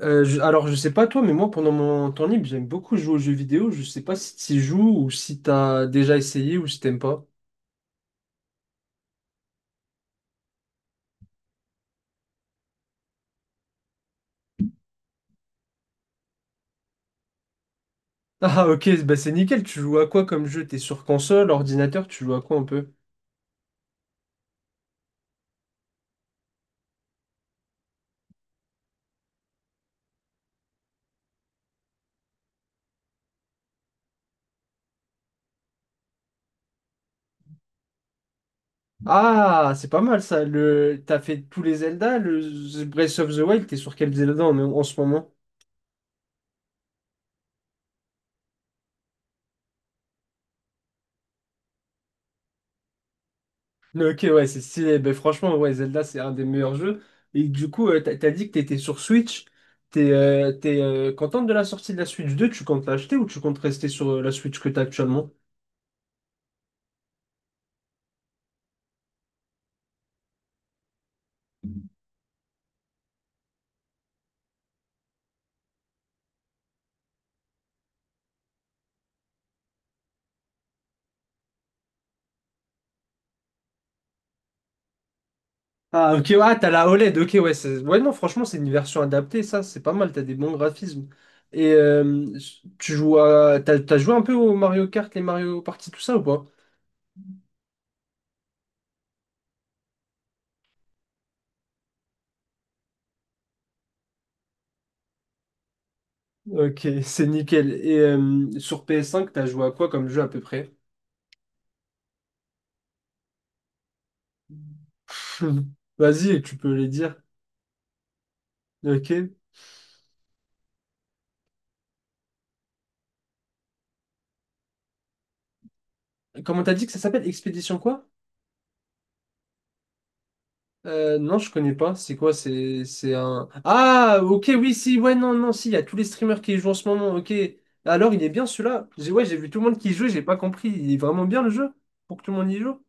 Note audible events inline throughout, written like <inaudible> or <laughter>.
Alors, je sais pas toi, mais moi, pendant mon temps libre, j'aime beaucoup jouer aux jeux vidéo. Je sais pas si tu joues ou si t'as déjà essayé ou si t'aimes pas. <laughs> Ah, ok, bah c'est nickel. Tu joues à quoi comme jeu? T'es sur console, ordinateur, tu joues à quoi un peu? Ah, c'est pas mal ça. T'as fait tous les Zelda, le The Breath of the Wild, t'es sur quel Zelda en ce moment? Ok, ouais, c'est stylé. Ben, franchement, ouais, Zelda, c'est un des meilleurs jeux. Et du coup, t'as dit que t'étais sur Switch. T'es contente de la sortie de la Switch 2? Tu comptes l'acheter ou tu comptes rester sur la Switch que t'as actuellement? Ah, ok, ouais, t'as la OLED. Ok, ouais, ouais, non, franchement, c'est une version adaptée, ça, c'est pas mal. T'as des bons graphismes. Et t'as joué un peu au Mario Kart, les Mario Party, tout ça ou pas? Ok, <laughs> c'est nickel. Et sur PS5, t'as joué à quoi comme jeu à peu près? <laughs> Vas-y, tu peux les dire. Ok. Comment t'as dit que ça s'appelle? Expédition quoi? Non, je connais pas. C'est quoi? C'est un. Ah, ok, oui, si, ouais, non, non, si, il y a tous les streamers qui y jouent en ce moment, ok. Alors, il est bien celui-là. Ouais, j'ai vu tout le monde qui y joue, j'ai pas compris. Il est vraiment bien le jeu? Pour que tout le monde y joue?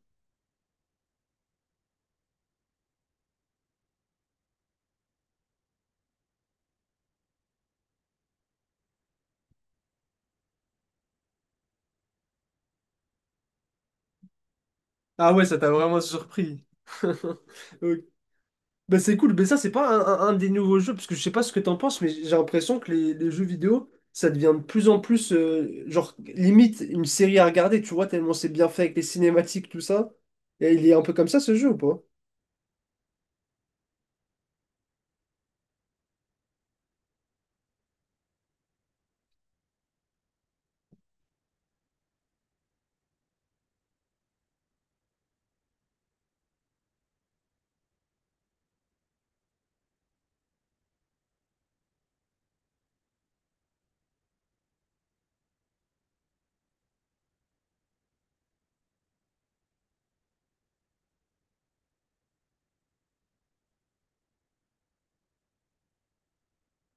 Ah ouais, ça t'a vraiment surpris. <laughs> Ok. Bah c'est cool, mais ça c'est pas un des nouveaux jeux, parce que je sais pas ce que t'en penses, mais j'ai l'impression que les jeux vidéo, ça devient de plus en plus, genre, limite une série à regarder, tu vois, tellement c'est bien fait avec les cinématiques, tout ça. Et il est un peu comme ça ce jeu ou pas?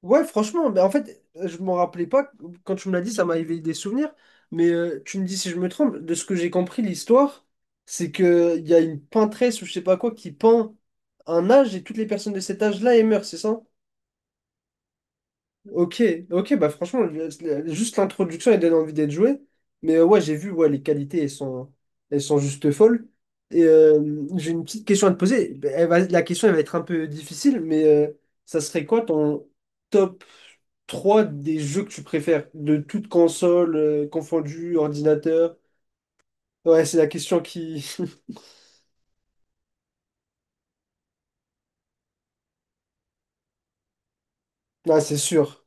Ouais, franchement, mais en fait, je m'en rappelais pas, quand tu me l'as dit, ça m'a éveillé des souvenirs, mais tu me dis si je me trompe, de ce que j'ai compris, l'histoire, c'est que il y a une peintresse ou je sais pas quoi qui peint un âge et toutes les personnes de cet âge-là, elles meurent, c'est ça? Ok, ok, bah franchement, juste l'introduction, elle donne envie d'être jouée. Mais ouais, j'ai vu, ouais, les qualités, elles sont juste folles. Et j'ai une petite question à te poser. Bah, la question, elle va être un peu difficile, mais ça serait quoi ton top 3 des jeux que tu préfères? De toute console, confondue, ordinateur? Ouais, c'est la question. <laughs> Ah, c'est sûr.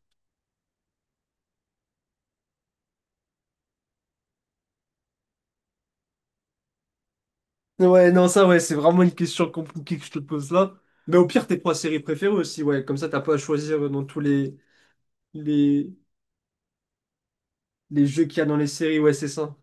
Ouais, non, ça, ouais, c'est vraiment une question compliquée que je te pose là. Mais au pire, tes trois séries préférées aussi, ouais. Comme ça, t'as pas à choisir Les, les jeux qu'il y a dans les séries, ouais, c'est ça.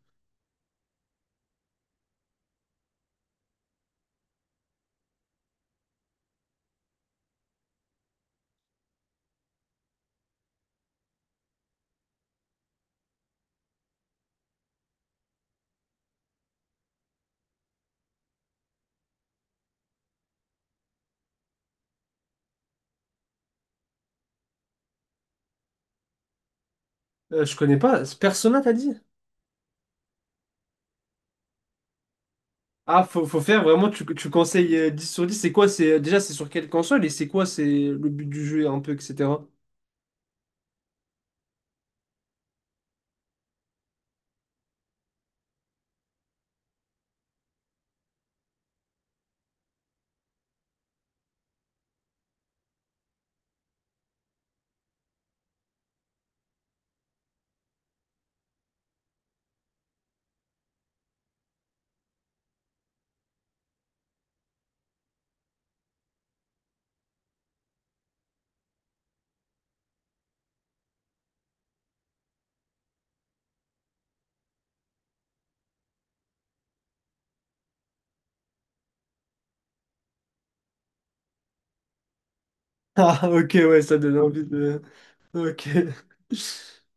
Je connais pas. Persona, t'as dit? Ah, faut faire vraiment, tu conseilles 10 sur dix. C'est quoi? C'est, déjà, c'est sur quelle console et c'est quoi? C'est le but du jeu, un peu, etc. <laughs> Ah, ok, ouais, ça donne envie de. Ok. <laughs>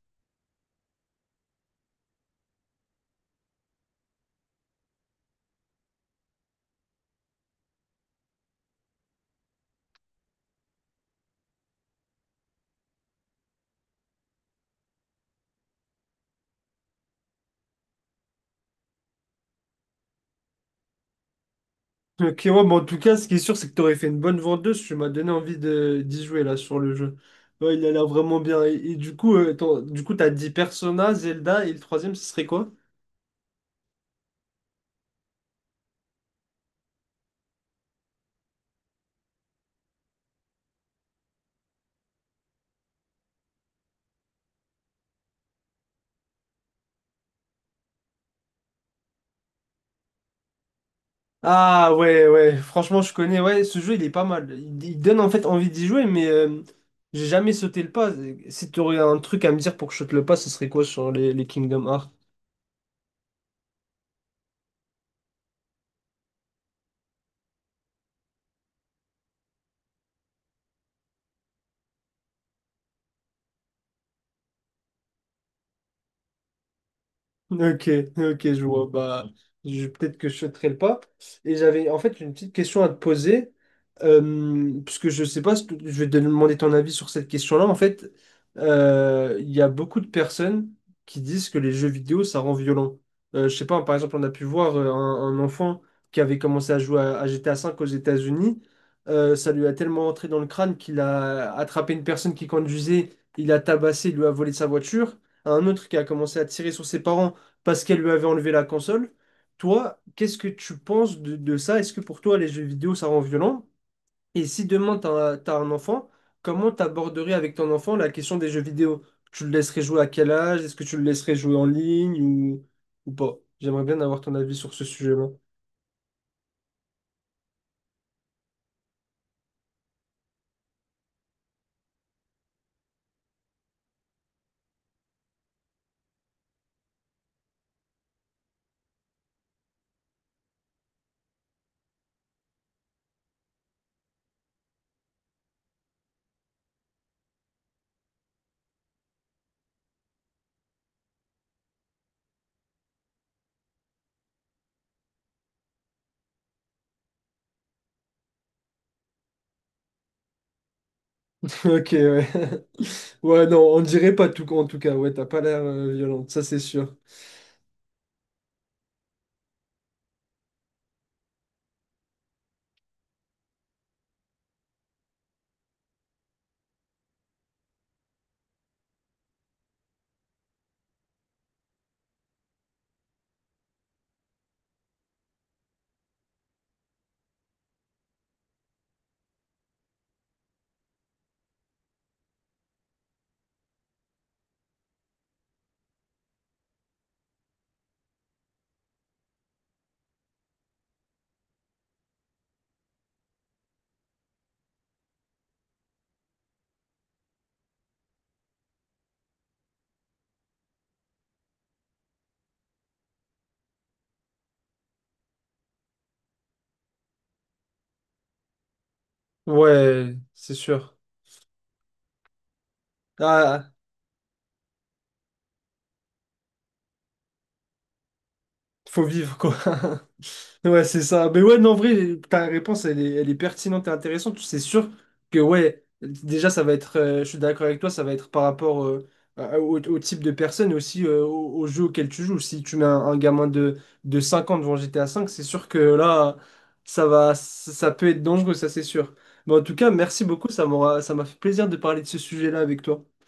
Ok, ouais, mais en tout cas, ce qui est sûr, c'est que t'aurais fait une bonne vendeuse. Tu m'as donné envie de d'y jouer là sur le jeu. Ouais, il a l'air vraiment bien. Et du coup, du coup, t'as dit Persona, Zelda et le troisième, ce serait quoi? Ah ouais, ouais, franchement, je connais, ouais, ce jeu, il est pas mal. Il donne en fait envie d'y jouer, mais j'ai jamais sauté le pas. Si tu aurais un truc à me dire pour que je saute le pas, ce serait quoi sur les Kingdom Hearts? Ok, ok, je vois. Bah, peut-être que je sauterai le pas. Et j'avais en fait une petite question à te poser, parce que je sais pas, si tu- je vais te demander ton avis sur cette question-là. En fait, il y a beaucoup de personnes qui disent que les jeux vidéo, ça rend violent. Je sais pas, par exemple, on a pu voir un enfant qui avait commencé à jouer à GTA V aux États-Unis. Ça lui a tellement entré dans le crâne qu'il a attrapé une personne qui conduisait, il a tabassé, il lui a volé sa voiture. Un autre qui a commencé à tirer sur ses parents parce qu'elle lui avait enlevé la console. Toi, qu'est-ce que tu penses de ça? Est-ce que pour toi, les jeux vidéo, ça rend violent? Et si demain, tu as, un enfant, comment t'aborderais avec ton enfant la question des jeux vidéo? Tu le laisserais jouer à quel âge? Est-ce que tu le laisserais jouer en ligne ou pas? J'aimerais bien avoir ton avis sur ce sujet-là. <laughs> Ok, ouais. <laughs> Ouais, non, on dirait pas tout, en tout cas. Ouais, t'as pas l'air violente, ça c'est sûr. Ouais, c'est sûr. Ah, faut vivre, quoi. <laughs> Ouais, c'est ça. Mais ouais, non, en vrai, ta réponse, elle est, pertinente et intéressante. C'est sûr que, ouais, déjà, ça va être, je suis d'accord avec toi, ça va être par rapport au type de personne et aussi au jeu auquel tu joues. Si tu mets un gamin de 5 ans devant GTA 5, c'est sûr que là, ça va, ça peut être dangereux, ça, c'est sûr. Mais en tout cas, merci beaucoup, ça m'a fait plaisir de parler de ce sujet-là avec toi.